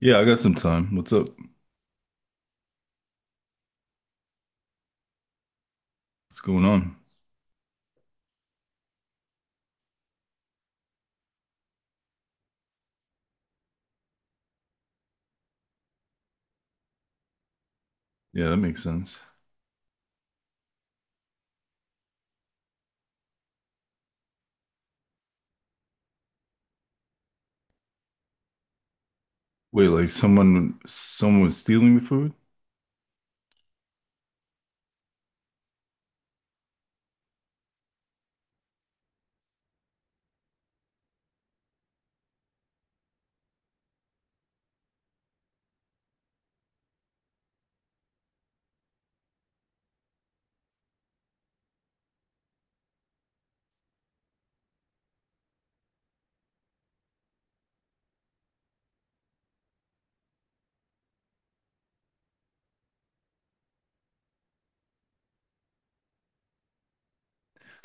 Yeah, I got some time. What's up? What's going on? Yeah, that makes sense. Wait, like someone was stealing the food?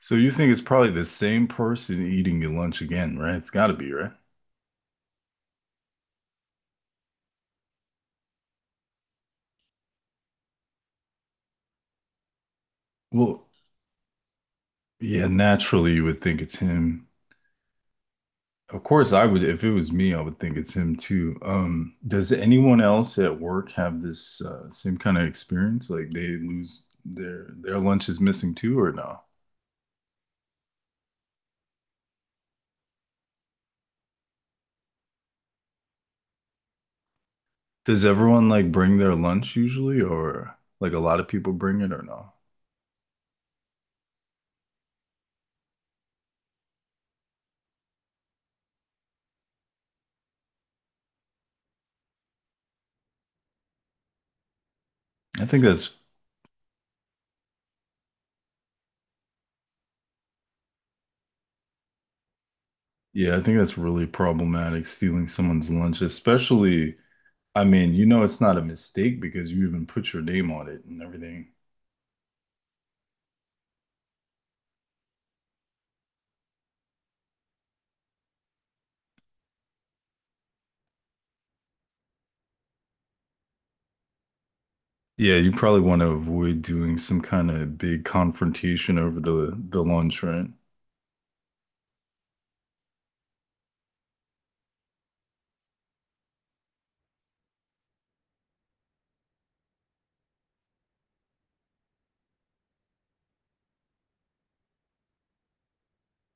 So you think it's probably the same person eating your lunch again, right? It's got to be, right? Well, yeah, naturally you would think it's him. Of course, I would if it was me, I would think it's him too. Does anyone else at work have this same kind of experience? Like they lose their lunch is missing too, or no? Does everyone like bring their lunch usually, or like a lot of people bring it or no? I think that's, yeah, I think that's really problematic, stealing someone's lunch, especially, I mean, you know, it's not a mistake because you even put your name on it and everything. Yeah, you probably want to avoid doing some kind of big confrontation over the lunch, right?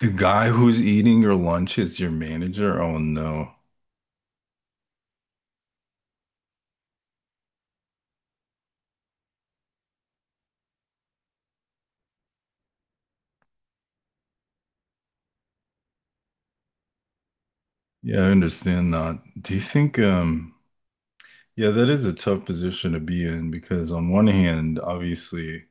The guy who's eating your lunch is your manager? Oh no. Yeah, I understand that. Do you think Yeah, that is a tough position to be in because on one hand, obviously,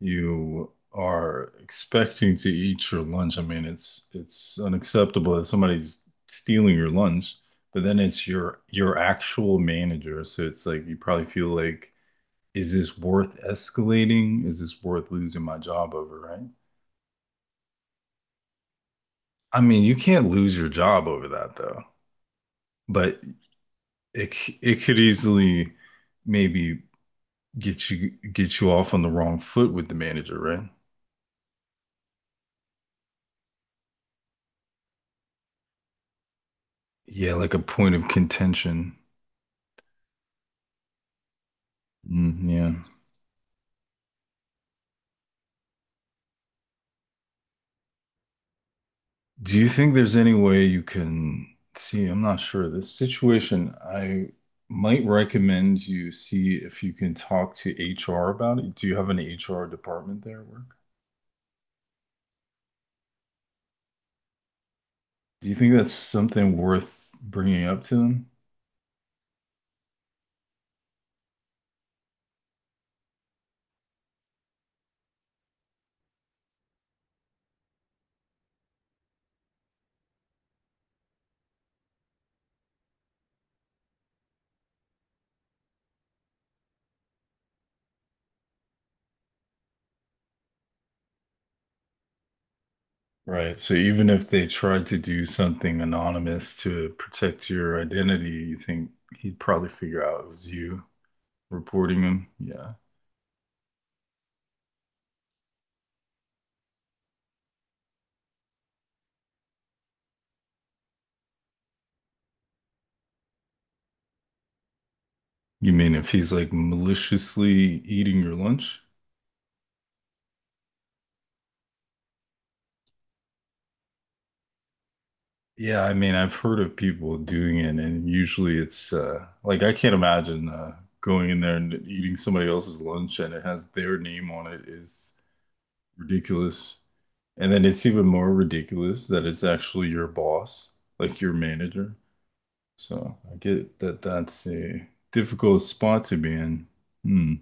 you are expecting to eat your lunch. I mean, it's unacceptable that somebody's stealing your lunch, but then it's your actual manager. So it's like you probably feel like, is this worth escalating? Is this worth losing my job over, right? I mean, you can't lose your job over that though, but it could easily maybe get you off on the wrong foot with the manager, right? Yeah, like a point of contention. Mm, yeah. Do you think there's any way you can see? I'm not sure. This situation, I might recommend you see if you can talk to HR about it. Do you have an HR department there at work? Do you think that's something worth bringing up to them? Right. So even if they tried to do something anonymous to protect your identity, you think he'd probably figure out it was you. Reporting him? Yeah. You mean if he's like maliciously eating your lunch? Yeah, I mean, I've heard of people doing it, and usually it's like I can't imagine going in there and eating somebody else's lunch and it has their name on it is ridiculous. And then it's even more ridiculous that it's actually your boss, like your manager. So I get that that's a difficult spot to be in. Hmm.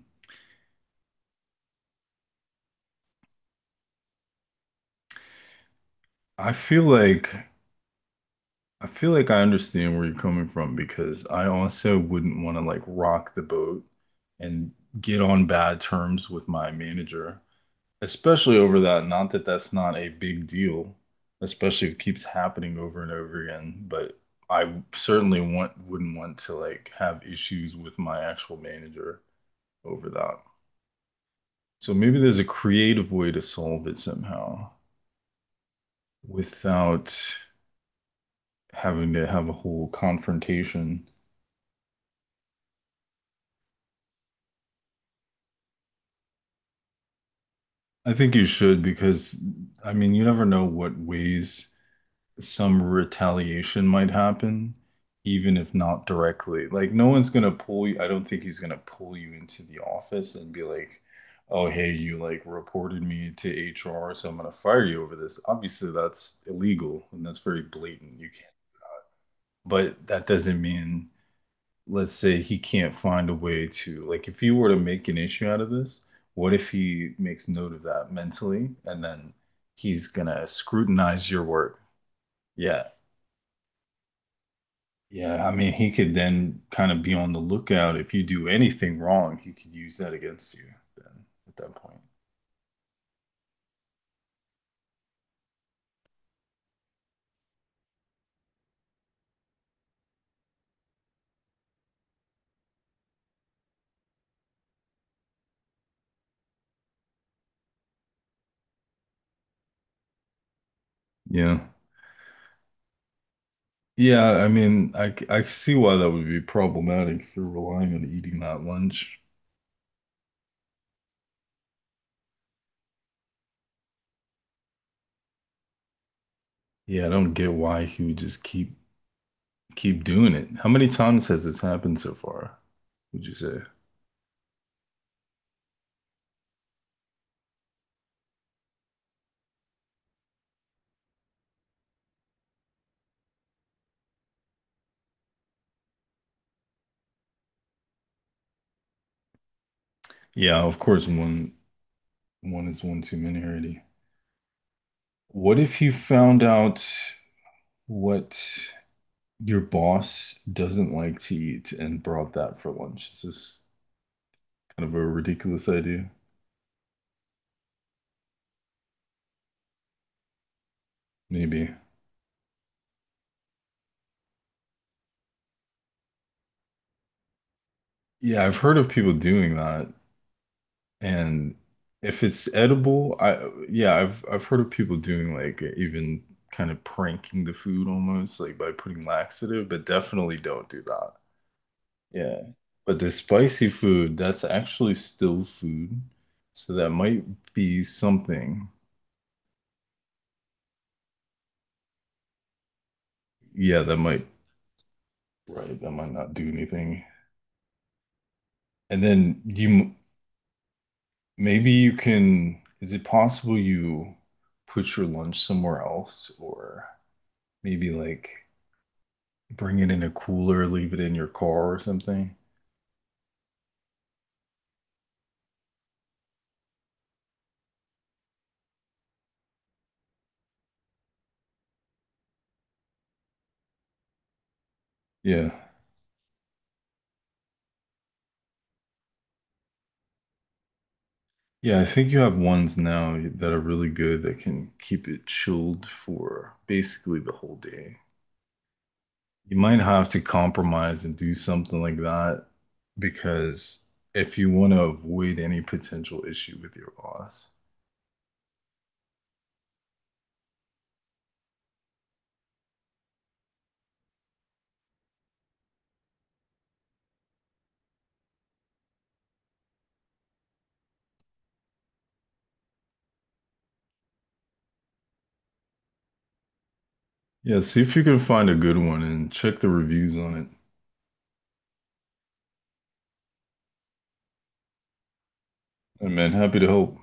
I feel like I feel like I understand where you're coming from because I also wouldn't want to like rock the boat and get on bad terms with my manager, especially over that. Not that that's not a big deal, especially if it keeps happening over and over again, but I certainly want wouldn't want to like have issues with my actual manager over that. So maybe there's a creative way to solve it somehow without having to have a whole confrontation. I think you should because, I mean, you never know what ways some retaliation might happen, even if not directly. Like, no one's gonna pull you. I don't think he's gonna pull you into the office and be like, oh, hey, you like reported me to HR, so I'm gonna fire you over this. Obviously, that's illegal and that's very blatant. You can't, but that doesn't mean let's say he can't find a way to like if you were to make an issue out of this, what if he makes note of that mentally and then he's gonna scrutinize your work? Yeah. Yeah, I mean he could then kind of be on the lookout if you do anything wrong, he could use that against you then at that point. Yeah. Yeah, I mean I see why that would be problematic if you're relying on eating that lunch. Yeah, I don't get why he would just keep doing it. How many times has this happened so far, would you say? Yeah, of course, one is one too many already. What if you found out what your boss doesn't like to eat and brought that for lunch? Is this kind of a ridiculous idea? Maybe. Yeah, I've heard of people doing that, and if it's edible, I yeah, I've heard of people doing like even kind of pranking the food almost like by putting laxative, but definitely don't do that. Yeah. But the spicy food, that's actually still food. So that might be something. Yeah, that might, right, that might not do anything. And then you, maybe you can, is it possible you put your lunch somewhere else or maybe like bring it in a cooler, leave it in your car or something? Yeah. Yeah, I think you have ones now that are really good that can keep it chilled for basically the whole day. You might have to compromise and do something like that because if you want to avoid any potential issue with your boss, yeah, see if you can find a good one and check the reviews on it. And man, happy to help.